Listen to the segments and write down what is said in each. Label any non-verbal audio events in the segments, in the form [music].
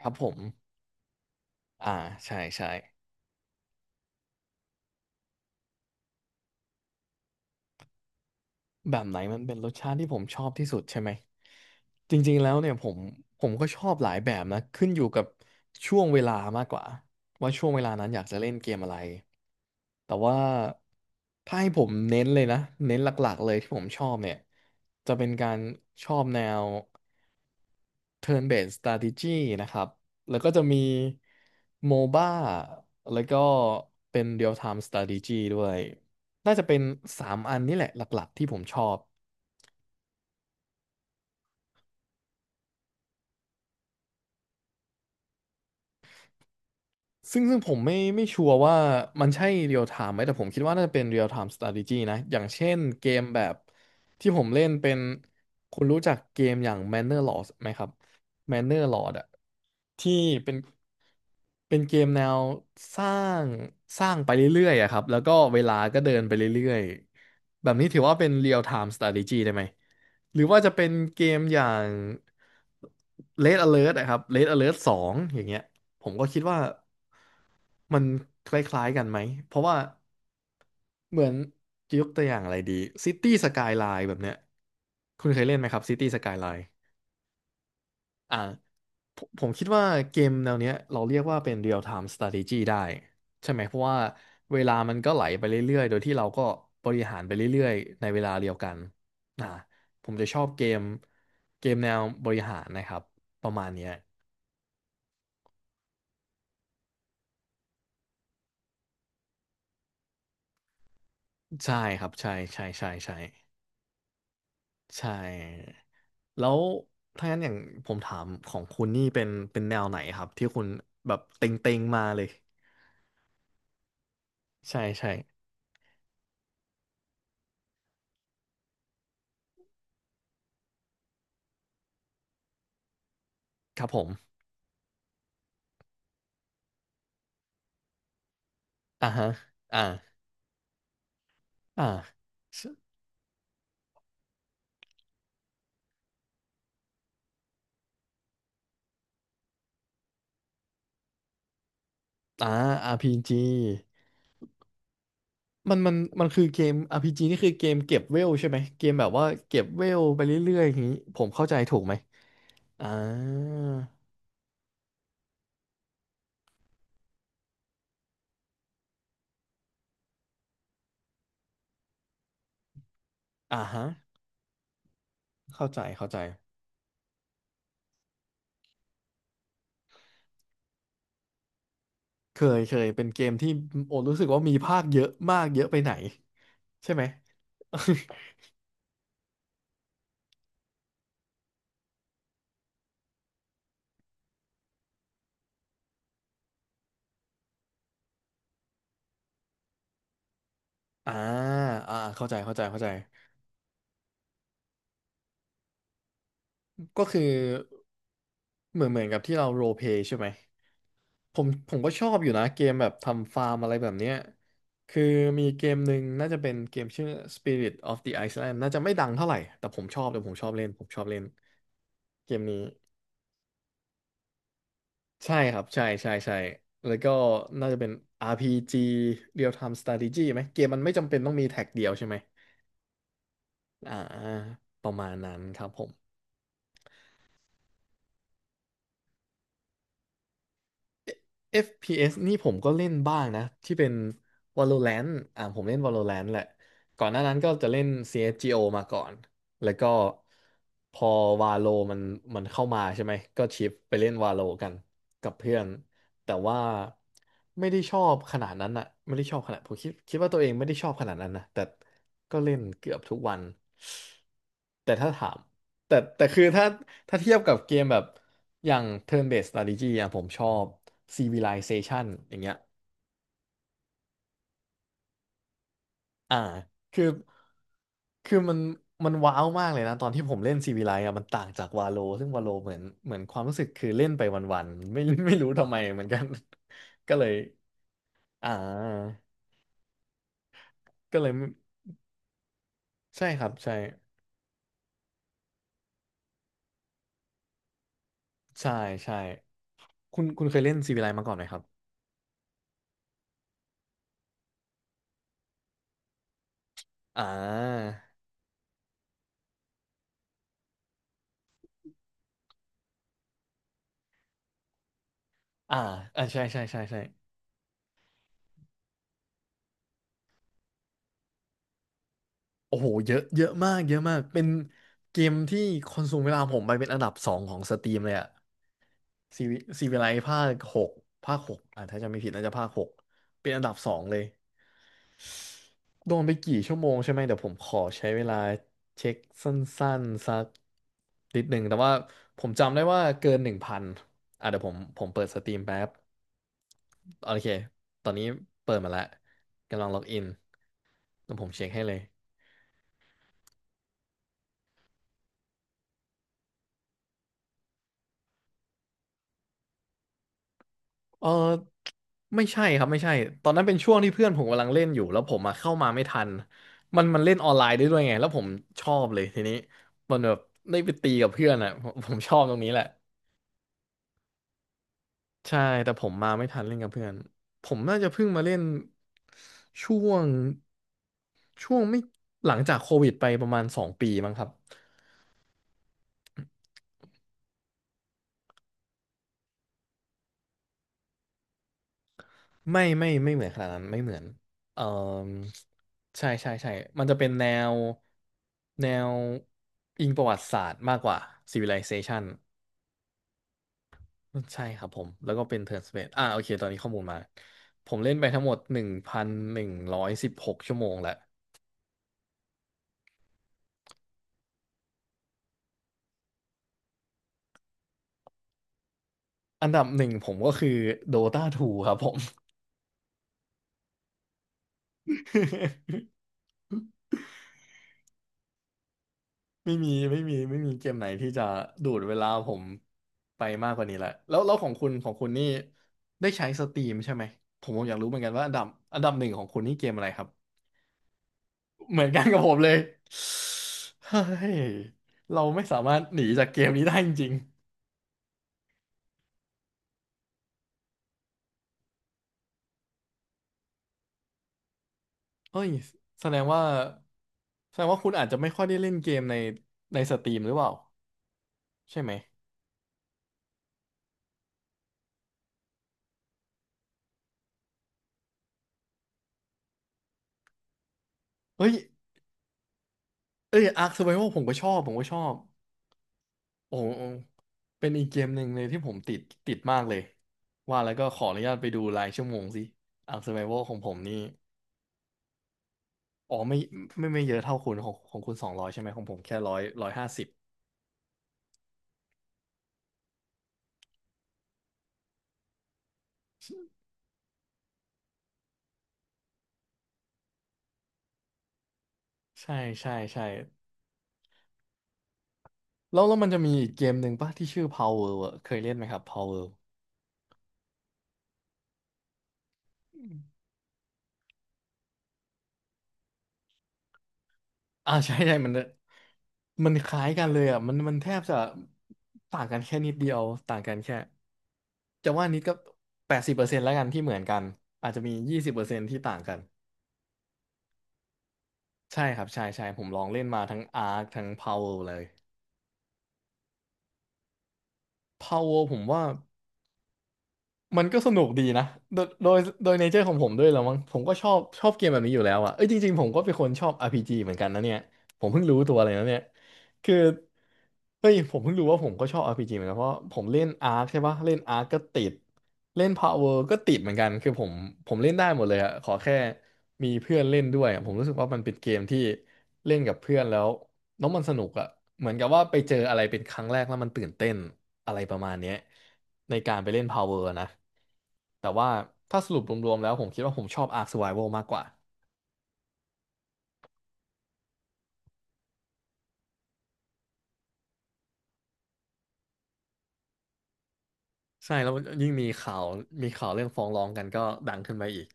ครับผมอ่าใช่ใช่แบบไหนมันเป็นรสชาติที่ผมชอบที่สุดใช่ไหมจริงๆแล้วเนี่ยผมก็ชอบหลายแบบนะขึ้นอยู่กับช่วงเวลามากกว่าว่าช่วงเวลานั้นอยากจะเล่นเกมอะไรแต่ว่าถ้าให้ผมเน้นเลยนะเน้นหลักๆเลยที่ผมชอบเนี่ยจะเป็นการชอบแนว Turn Based Strategy นะครับ แล้วก็จะมี MOBA แล้วก็เป็น Real Time Strategy ด้วย น่าจะเป็น3อันนี่แหละหลักๆที่ผมชอบ ซึ่งผมไม่ชัวร์ว่ามันใช่ Real Time ไหม แต่ผมคิดว่าน่าจะเป็น Real Time Strategy นะ อย่างเช่นเกมแบบที่ผมเล่นเป็นคุณรู้จักเกมอย่าง Manor Lords ไหมครับ Manor Lords อะ ที่เป็นเป็นเกมแนวสร้างสร้างไปเรื่อยๆอะครับแล้วก็เวลาก็เดินไปเรื่อยๆแบบนี้ถือว่าเป็น real time strategy ได้ไหมหรือว่าจะเป็นเกมอย่าง Red Alert นะครับ Red Alert 2องอย่างเงี้ยผมก็คิดว่ามันคล้ายๆกันไหมเพราะว่าเหมือนจะยกตัวอย่างอะไรดี City Skyline แบบเนี้ยคุณเคยเล่นไหมครับ City Skyline อ่าผมคิดว่าเกมแนวเนี้ยเราเรียกว่าเป็น real time strategy ได้ใช่ไหมเพราะว่าเวลามันก็ไหลไปเรื่อยๆโดยที่เราก็บริหารไปเรื่อยๆในเวลาเดียวกันอ่าผมจะชอบเกมเกมแนวบริหารนะครับประมาณเนี้ยใช่ครับใช่ใช่ใช่ใช่ใช่แล้วถ้างั้นอย่างผมถามของคุณนี่เป็นแนวไหนครับที่คุณแบบเต็งๆมาเลยใช่ใช่ครับผมอ่าฮะอ่าอ่า อ่า RPG มันคือเกม RPG นี่คือเกมเก็บเวลใช่ไหมเกมแบบว่าเก็บเวลไปเรื่อยๆอย่างนี้ผมเข้าใจถูกไหมอ่าอ่าฮะเข้าใจเข้าใจเคยเคยเป็นเกมที่โอรู้สึกว่ามีภาคเยอะมากเยอะไปไหนใช่ไหม [laughs] อ่าเข้าใจเข้าใจเข้าใจก็คือเหมือนเหมือนกับที่เราโรลเพลย์ใช่ไหม ผมก็ชอบอยู่นะเกมแบบทำฟาร์มอะไรแบบเนี้ยคือมีเกมหนึ่งน่าจะเป็นเกมชื่อ Spirit of the Iceland น่าจะไม่ดังเท่าไหร่แต่ผมชอบแต่ผมชอบเล่นผมชอบเล่นเกมนี้ใช่ครับใช่ใช่ใช่แล้วก็น่าจะเป็น RPG Real Time Strategy ไหมเกมมันไม่จำเป็นต้องมีแท็กเดียวใช่ไหมอ่าประมาณนั้นครับผม FPS นี่ผมก็เล่นบ้างนะที่เป็น Valorant อ่าผมเล่น Valorant แหละก่อนหน้านั้นก็จะเล่น CSGO มาก่อนแล้วก็พอ Valo มันเข้ามาใช่ไหมก็ชิฟไปเล่น Valo กันกับเพื่อนแต่ว่าไม่ได้ชอบขนาดนั้นอะไม่ได้ชอบขนาดผมคิดว่าตัวเองไม่ได้ชอบขนาดนั้นนะแต่ก็เล่นเกือบทุกวันแต่ถ้าถาม แต่คือถ้าเทียบกับเกมแบบอย่าง turn based strategy อ่ะผมชอบ Civilization อย่างเงี้ยอ่าคือคือมันว้าวมากเลยนะตอนที่ผมเล่น Civilize อ่ะมันต่างจากวาโลซึ่งวาโลเหมือนเหมือนความรู้สึกคือเล่นไปวันๆ ไม่ [laughs] ไม่รู้ทำไมเหมือนกัน [laughs] ก็เลยอ่าไม่ใช่ครับใช่ใช่ใช่คุณเคยเล่น Civilize มาก่อนไหมครับอ่าอ่าใช่ใช่ใช่ใช่ โอ้โหเยอะเยอะมากเยอะมาก เป็นเกมที่คอนซูมเวลาผมไปเป็นอันดับสองของสตรีมเลยอะซีวิซีวิไลภาคหกภาคหกอ่ะถ้าจะไม่ผิดน่าจะภาคหกเป็นอันดับสองเลย โดนไปกี่ชั่วโมงใช่ไหมเดี๋ยวผมขอใช้เวลาเช็คสั้นๆสักนิดหนึ่งแต่ว่าผมจำได้ว่าเกิน 1,000อ่ะเดี๋ยวผมเปิดสตรีมแป๊บ โอเค ตอนนี้เปิดมาแล้ว กำลังล็อกอินแล้วผมเช็คให้เลย เออไม่ใช่ครับไม่ใช่ตอนนั้นเป็นช่วงที่เพื่อนผมกำลังเล่นอยู่แล้วผมมาเข้ามาไม่ทันมันเล่นออนไลน์ได้ด้วยไงแล้วผมชอบเลยทีนี้มันแบบได้ไปตีกับเพื่อนอ่ะผมชอบตรงนี้แหละใช่แต่ผมมาไม่ทันเล่นกับเพื่อนผมน่าจะเพิ่งมาเล่นช่วงช่วงไม่หลังจากโควิดไปประมาณ 2 ปีมั้งครับ ไม่ไม่ไม่เหมือนขนาดนั้นไม่เหมือนเออใช่ใช่ใช่มันจะเป็นแนวแนวอิงประวัติศาสตร์มากกว่า Civilization ใช่ครับผมแล้วก็เป็น Turn PACE อ่าโอเคตอนนี้ข้อมูลมาผมเล่นไปทั้งหมด1,116 ชั่วโมงแล้วอันดับหนึ่งผมก็คือ Dota 2ครับผม [laughs] ไม่มีเกมไหนที่จะดูดเวลาผมไปมากกว่านี้แหละแล้วของคุณนี่ได้ใช้สตรีมใช่ไหมผมอยากรู้เหมือนกันว่าอันดับหนึ่งของคุณนี่เกมอะไรครับเหมือนกันกับผมเลยเฮ้ยเราไม่สามารถหนีจากเกมนี้ได้จริงๆเอ้ยแสดงว่าแสดงว่าคุณอาจจะไม่ค่อยได้เล่นเกมในสตรีมหรือเปล่าใช่ไหมเฮ้ยเอ้ยอาร์คเซอร์ไววัลผมก็ชอบผมก็ชอบ โอ้โหเป็นอีกเกมหนึ่งเลยที่ผมติดติดมากเลยว่าแล้วก็ขออนุญาตไปดูรายชั่วโมงสิอัง Survival ของผมนี่อ๋อไม่เยอะเท่าคุณของคุณ200ใช่ไหมของผมแค่ร้อยห้าสิบใช่ใช่ใช่แล้วมันจะมีอีกเกมหนึ่งป่ะที่ชื่อ Power World อะเคยเล่นไหมครับ Power World อืมใช่ใช่มันคล้ายกันเลยอ่ะมันแทบจะต่างกันแค่นิดเดียวต่างกันแค่จะว่านิดก็80%แล้วกันที่เหมือนกันอาจจะมี20%ที่ต่างกัน ใช่ครับใช่ใช่ผมลองเล่นมาทั้งอาร์คทั้งพาวเวเลยพาวเวผมว่ามันก็สนุกดีนะโดยโดยโดยเนเจอร์ของผมด้วยแล้วมั้งผมก็ชอบเกมแบบนี้อยู่แล้วอะเอ้ยจริงๆผมก็เป็นคนชอบ RPG เหมือนกันนะเนี่ยผมเพิ่งรู้ตัวเลยนะเนี่ยคือเฮ้ยผมเพิ่งรู้ว่าผมก็ชอบ RPG เหมือนกันเพราะผมเล่นอาร์คใช่ปะเล่นอาร์คก็ติดเล่นพาวเวก็ติดเหมือนกันคือผมเล่นได้หมดเลยอะขอแค่มีเพื่อนเล่นด้วยอะผมรู้สึกว่ามันเป็นเกมที่เล่นกับเพื่อนแล้ว แล้วมันสนุกอะเหมือนกับว่าไปเจออะไรเป็นครั้งแรกแล้วมันตื่นเต้นอะไรประมาณเนี้ยในการไปเล่น Power นะแต่ว่าถ้าสรุปรวมๆแล้วผมคิดว่าผมชอบ Ark Survival มากกว่าใช่แล้วยิ่งมีข่าวเรื่องฟ้องร้องกันก็ดังขึ้นไปอีก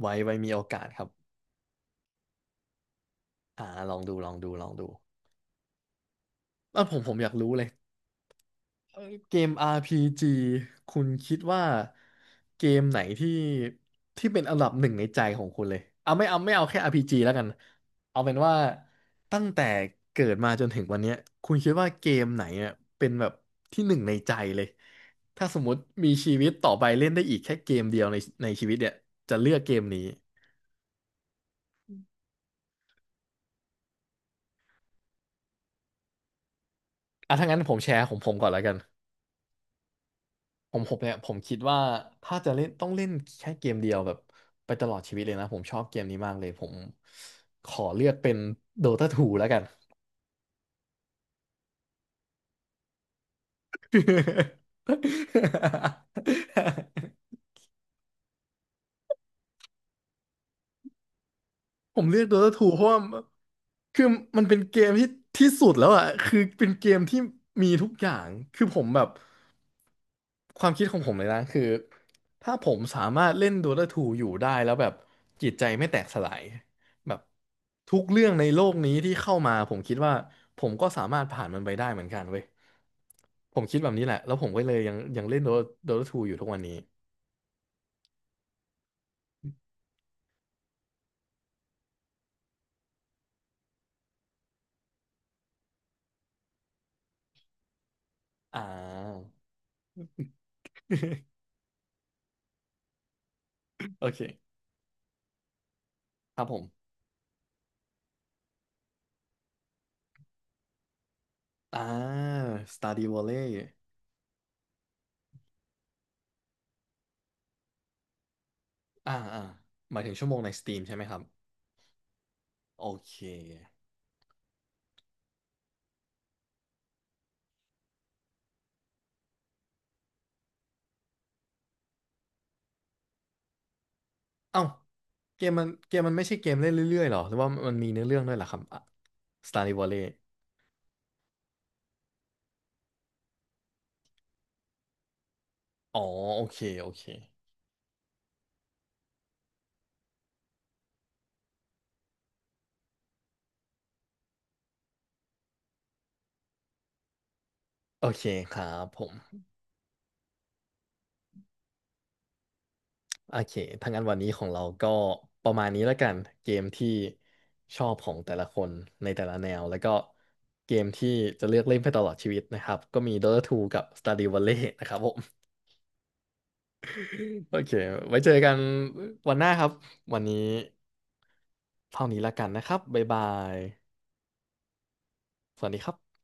ไว้มีโอกาสครับอ่าลองดูแล้วผมอยากรู้เลย เกม RPG คุณคิดว่าเกมไหนที่เป็นอันดับหนึ่งในใจของคุณเลยเอาแค่ RPG แล้วกันเอาเป็นว่าตั้งแต่เกิดมาจนถึงวันเนี้ยคุณคิดว่าเกมไหนอ่ะเป็นแบบที่หนึ่งในใจเลยถ้าสมมติมีชีวิตต่อไปเล่นได้อีกแค่เกมเดียวในชีวิตเนี่ยจะเลือกเกมนี้อ่ะถ้างั้นผมแชร์ของผมก่อนแล้วกัน ผมเนี่ยผมคิดว่าถ้าจะเล่นต้องเล่นแค่เกมเดียวแบบไปตลอดชีวิตเลยนะผมชอบเกมนี้มากเลยผมขอเลือกเป็น Dota 2แล้วกัน [laughs] ผมเลือก Dota 2เพราะว่าคือมันเป็นเกมที่สุดแล้วอ่ะคือเป็นเกมที่มีทุกอย่างคือผมแบบความคิดของผมเลยนะคือถ้าผมสามารถเล่น Dota 2อยู่ได้แล้วแบบจิตใจไม่แตกสลายแบบทุกเรื่องในโลกนี้ที่เข้ามาผมคิดว่าผมก็สามารถผ่านมันไปได้เหมือนกันเว้ยผมคิดแบบนี้แหละแล้วผมก็เลยยังเล่น Dota Dota ทูอยู่ทุกวันนี้อ่า [laughs] โอเคครับผม อ่า Stardew Valley อ่าหมายถึงชั่วโมงใน Steam ใช่ไหมครับโอเคเอ้าเกมมันเกมมันไม่ใช่เกมเล่นเรื่อยๆหรอหรือว่ามันมีเนื้อเรื่องด้วยเหรอครับอ่ะ Stardew Valley อ๋อโอเคโอเคครับผมโอเคถ้างั้นวันนี้ของเราก็ประมาณนี้แล้วกันเกมที่ชอบของแต่ละคนในแต่ละแนวแล้วก็เกมที่จะเลือกเล่นไปตลอดชีวิตนะครับก็มี Dota 2กับ Stardew Valley นะครับผม โอเค ไว้เจอกันวันหน้าครับ วันนี้เท่านี้ละกันนะครับบ๊ายบายสวัสดีครับ